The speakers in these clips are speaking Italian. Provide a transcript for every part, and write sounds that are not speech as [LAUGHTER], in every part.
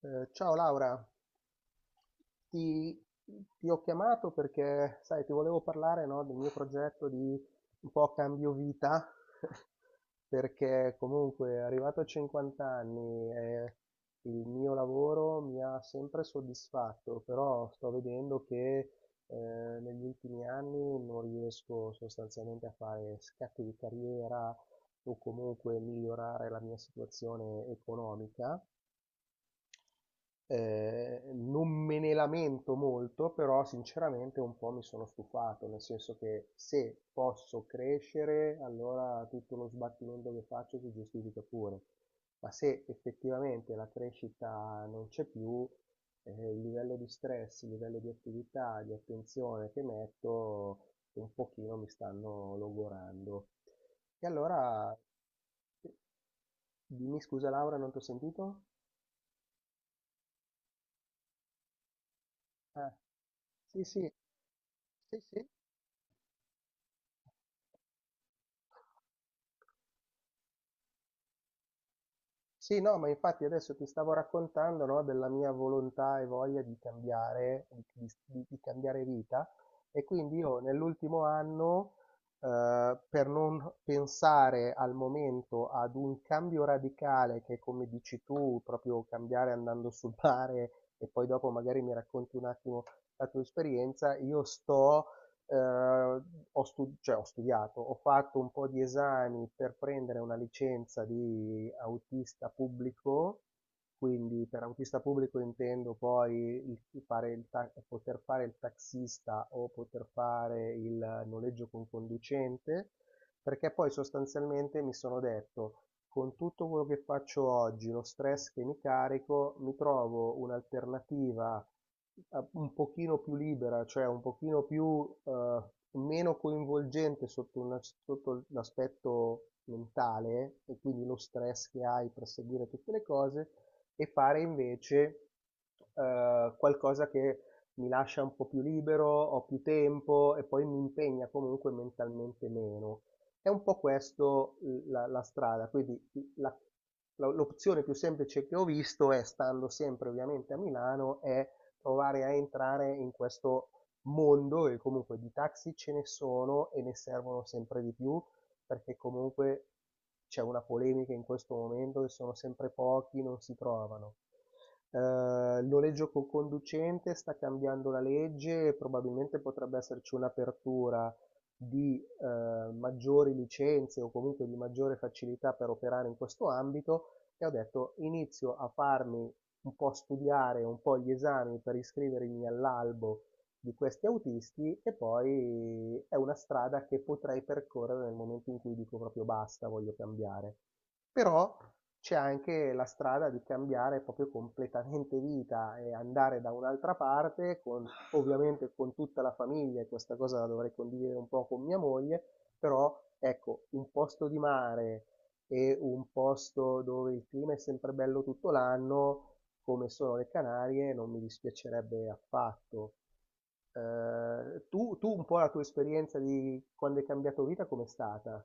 Ciao Laura, ti, ti ho chiamato perché, sai, ti volevo parlare, no, del mio progetto di un po' cambio vita, [LAUGHS] perché comunque arrivato a 50 anni e il mio lavoro mi ha sempre soddisfatto, però sto vedendo che eh, negli ultimi anni non riesco sostanzialmente a fare scatti di carriera o comunque migliorare la mia situazione economica. Eh, non me ne lamento molto, però sinceramente un po' mi sono stufato, nel senso che se posso crescere, allora tutto lo sbattimento che faccio si giustifica pure, ma se effettivamente la crescita non c'è più, il livello di stress, il livello di attività, di attenzione che metto, un pochino mi stanno logorando. E allora, eh, dimmi scusa Laura, non ti ho sentito? Eh. Sì, sì. Sì, sì. Sì, no, ma infatti adesso ti stavo raccontando, no, della mia volontà e voglia di cambiare, di cambiare vita. E quindi io nell'ultimo anno, per non pensare al momento ad un cambio radicale, che è come dici tu, proprio cambiare andando sul mare e poi dopo magari mi racconti un attimo la tua esperienza, io sto eh, ho studiato, ho fatto un po' di esami per prendere una licenza di autista pubblico, quindi per autista pubblico intendo fare poter fare il taxista o poter fare il noleggio con conducente, perché poi sostanzialmente mi sono detto con tutto quello che faccio oggi, lo stress che mi carico, mi trovo un'alternativa un pochino più libera, cioè un pochino più meno coinvolgente sotto, sotto l'aspetto mentale e quindi lo stress che hai per seguire tutte le cose e fare invece qualcosa che mi lascia un po' più libero, ho più tempo e poi mi impegna comunque mentalmente meno. È un po' questo la strada, quindi la- l'opzione più semplice che ho visto è, stando sempre ovviamente a Milano, è provare a entrare in questo mondo, e comunque di taxi ce ne sono e ne servono sempre di più perché comunque c'è una polemica in questo momento che sono sempre pochi, non si trovano. Il noleggio con conducente sta cambiando la legge, e probabilmente potrebbe esserci un'apertura di maggiori licenze o comunque di maggiore facilità per operare in questo ambito, e ho detto inizio a farmi un po' studiare un po' gli esami per iscrivermi all'albo di questi autisti, e poi è una strada che potrei percorrere nel momento in cui dico proprio basta, voglio cambiare. Però c'è anche la strada di cambiare proprio completamente vita e andare da un'altra parte con ovviamente con tutta la famiglia, e questa cosa la dovrei condividere un po' con mia moglie, però ecco, un posto di mare e un posto dove il clima è sempre bello tutto l'anno, come sono le Canarie, non mi dispiacerebbe affatto. Tu un po' la tua esperienza di quando hai cambiato vita, com'è stata?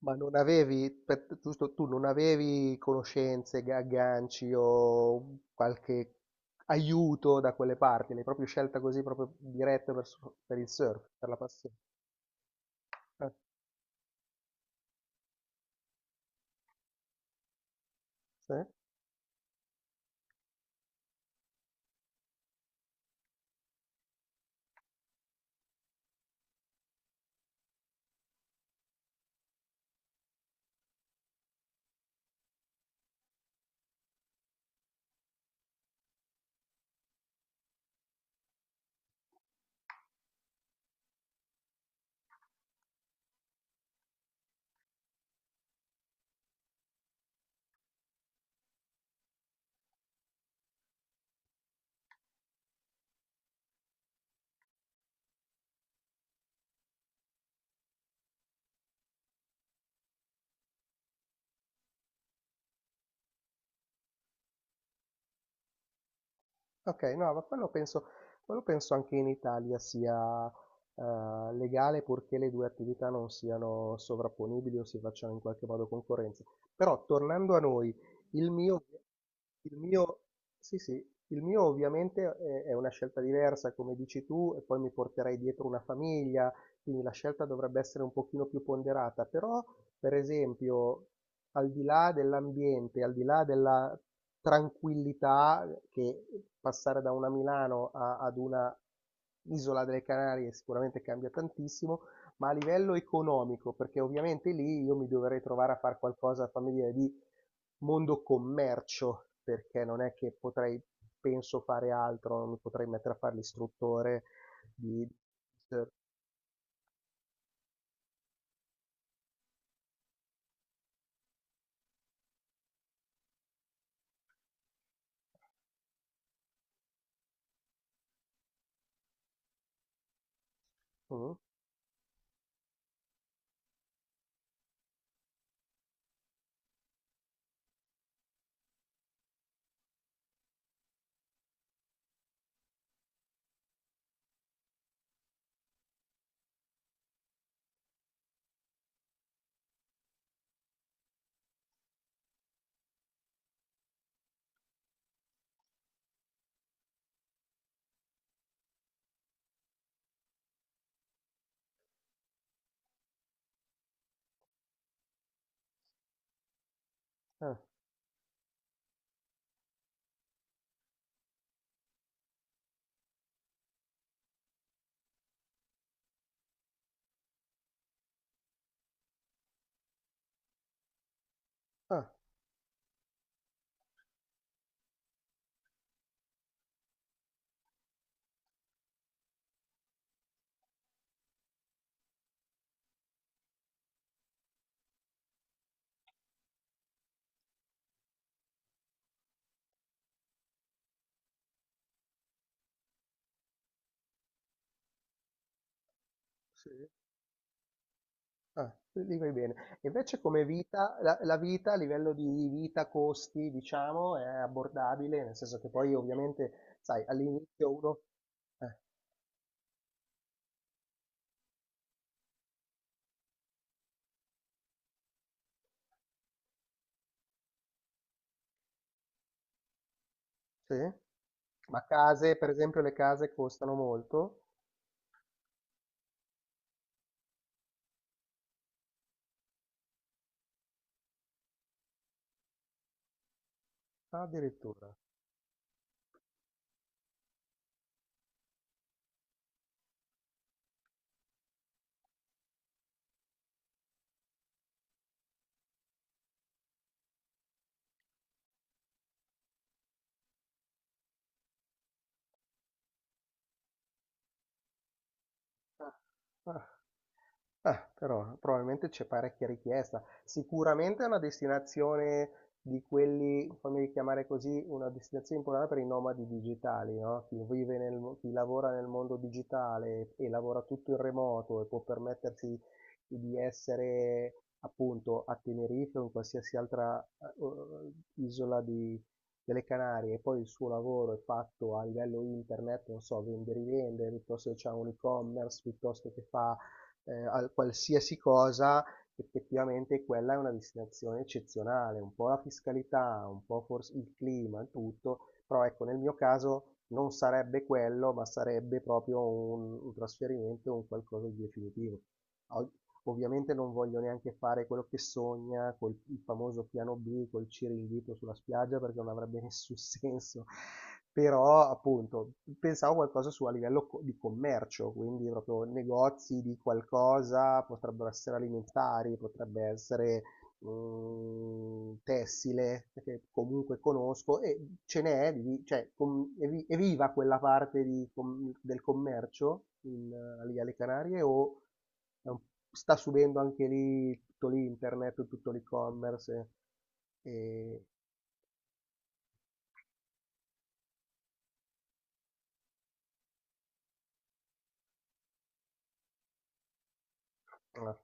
Ma non avevi, giusto, tu non avevi conoscenze, agganci o qualche aiuto da quelle parti, l'hai proprio scelta così, proprio per il surf, per la passione. Eh, sì? Okay, no, ma quello penso anche in Italia sia, legale purché le 2 attività non siano sovrapponibili o si facciano in qualche modo concorrenza. Però tornando a noi, il mio il mio sì, sì, il mio ovviamente è una scelta diversa, come dici tu, e poi mi porterei dietro una famiglia, quindi la scelta dovrebbe essere un pochino più ponderata, però per esempio al di là dell'ambiente, al di là della tranquillità che passare da una Milano ad una isola delle Canarie sicuramente cambia tantissimo, ma a livello economico, perché ovviamente lì io mi dovrei trovare a fare qualcosa, fammi dire, di mondo commercio, perché non è che potrei, penso, fare altro, non mi potrei mettere a fare l'istruttore di... Mm? Ah, ah, sì. Ah, lì vai bene. Invece come vita, la vita a livello di vita, costi, diciamo, è abbordabile, nel senso che poi ovviamente, sai, all'inizio uno... eh, sì? Ma case, per esempio, le case costano molto? Ah, addirittura. Ah, ah. Ah, però probabilmente c'è parecchia richiesta. Sicuramente è una destinazione di quelli, fammi chiamare così, una destinazione importante per i nomadi digitali, no? Chi vive chi lavora nel mondo digitale e lavora tutto in remoto e può permettersi di essere appunto a Tenerife o in qualsiasi altra isola di- delle Canarie, e poi il suo lavoro è fatto a livello internet, non so, vende e rivende, piuttosto che c'è un e-commerce, piuttosto che fa a qualsiasi cosa, effettivamente quella è una destinazione eccezionale, un po' la fiscalità, un po' forse il clima, il tutto, però ecco, nel mio caso non sarebbe quello, ma sarebbe proprio un trasferimento, un qualcosa di definitivo. Ov- Ovviamente non voglio neanche fare quello che sogna, col il famoso piano B, col Ciringhito sulla spiaggia, perché non avrebbe [LAUGHS] nessun senso. Però, appunto, pensavo qualcosa su a livello di commercio, quindi proprio negozi di qualcosa, potrebbero essere alimentari, potrebbe essere tessile che comunque conosco e ce n'è, è viva quella parte di del commercio in, lì alle Canarie, o è un- sta subendo anche lì tutto l'internet, tutto l'e-commerce? E, e, ah,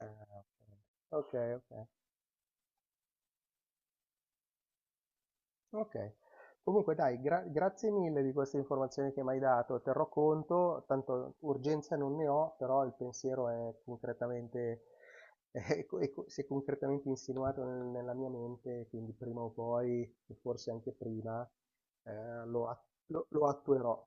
eh, ok, ok. Ok. Comunque dai, grazie mille di queste informazioni che mi hai dato, terrò conto, tanto urgenza non ne ho, però il pensiero è concretamente, [LAUGHS] si è concretamente insinuato nella mia mente, quindi prima o poi, e forse anche prima, lo attuerò.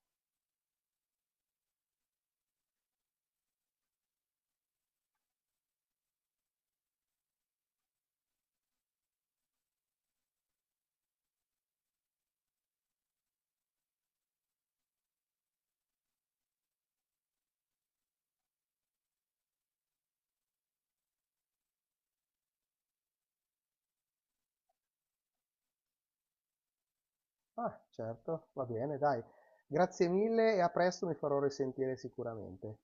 Ah, certo, va bene, dai. Grazie mille e a presto, mi farò risentire sicuramente.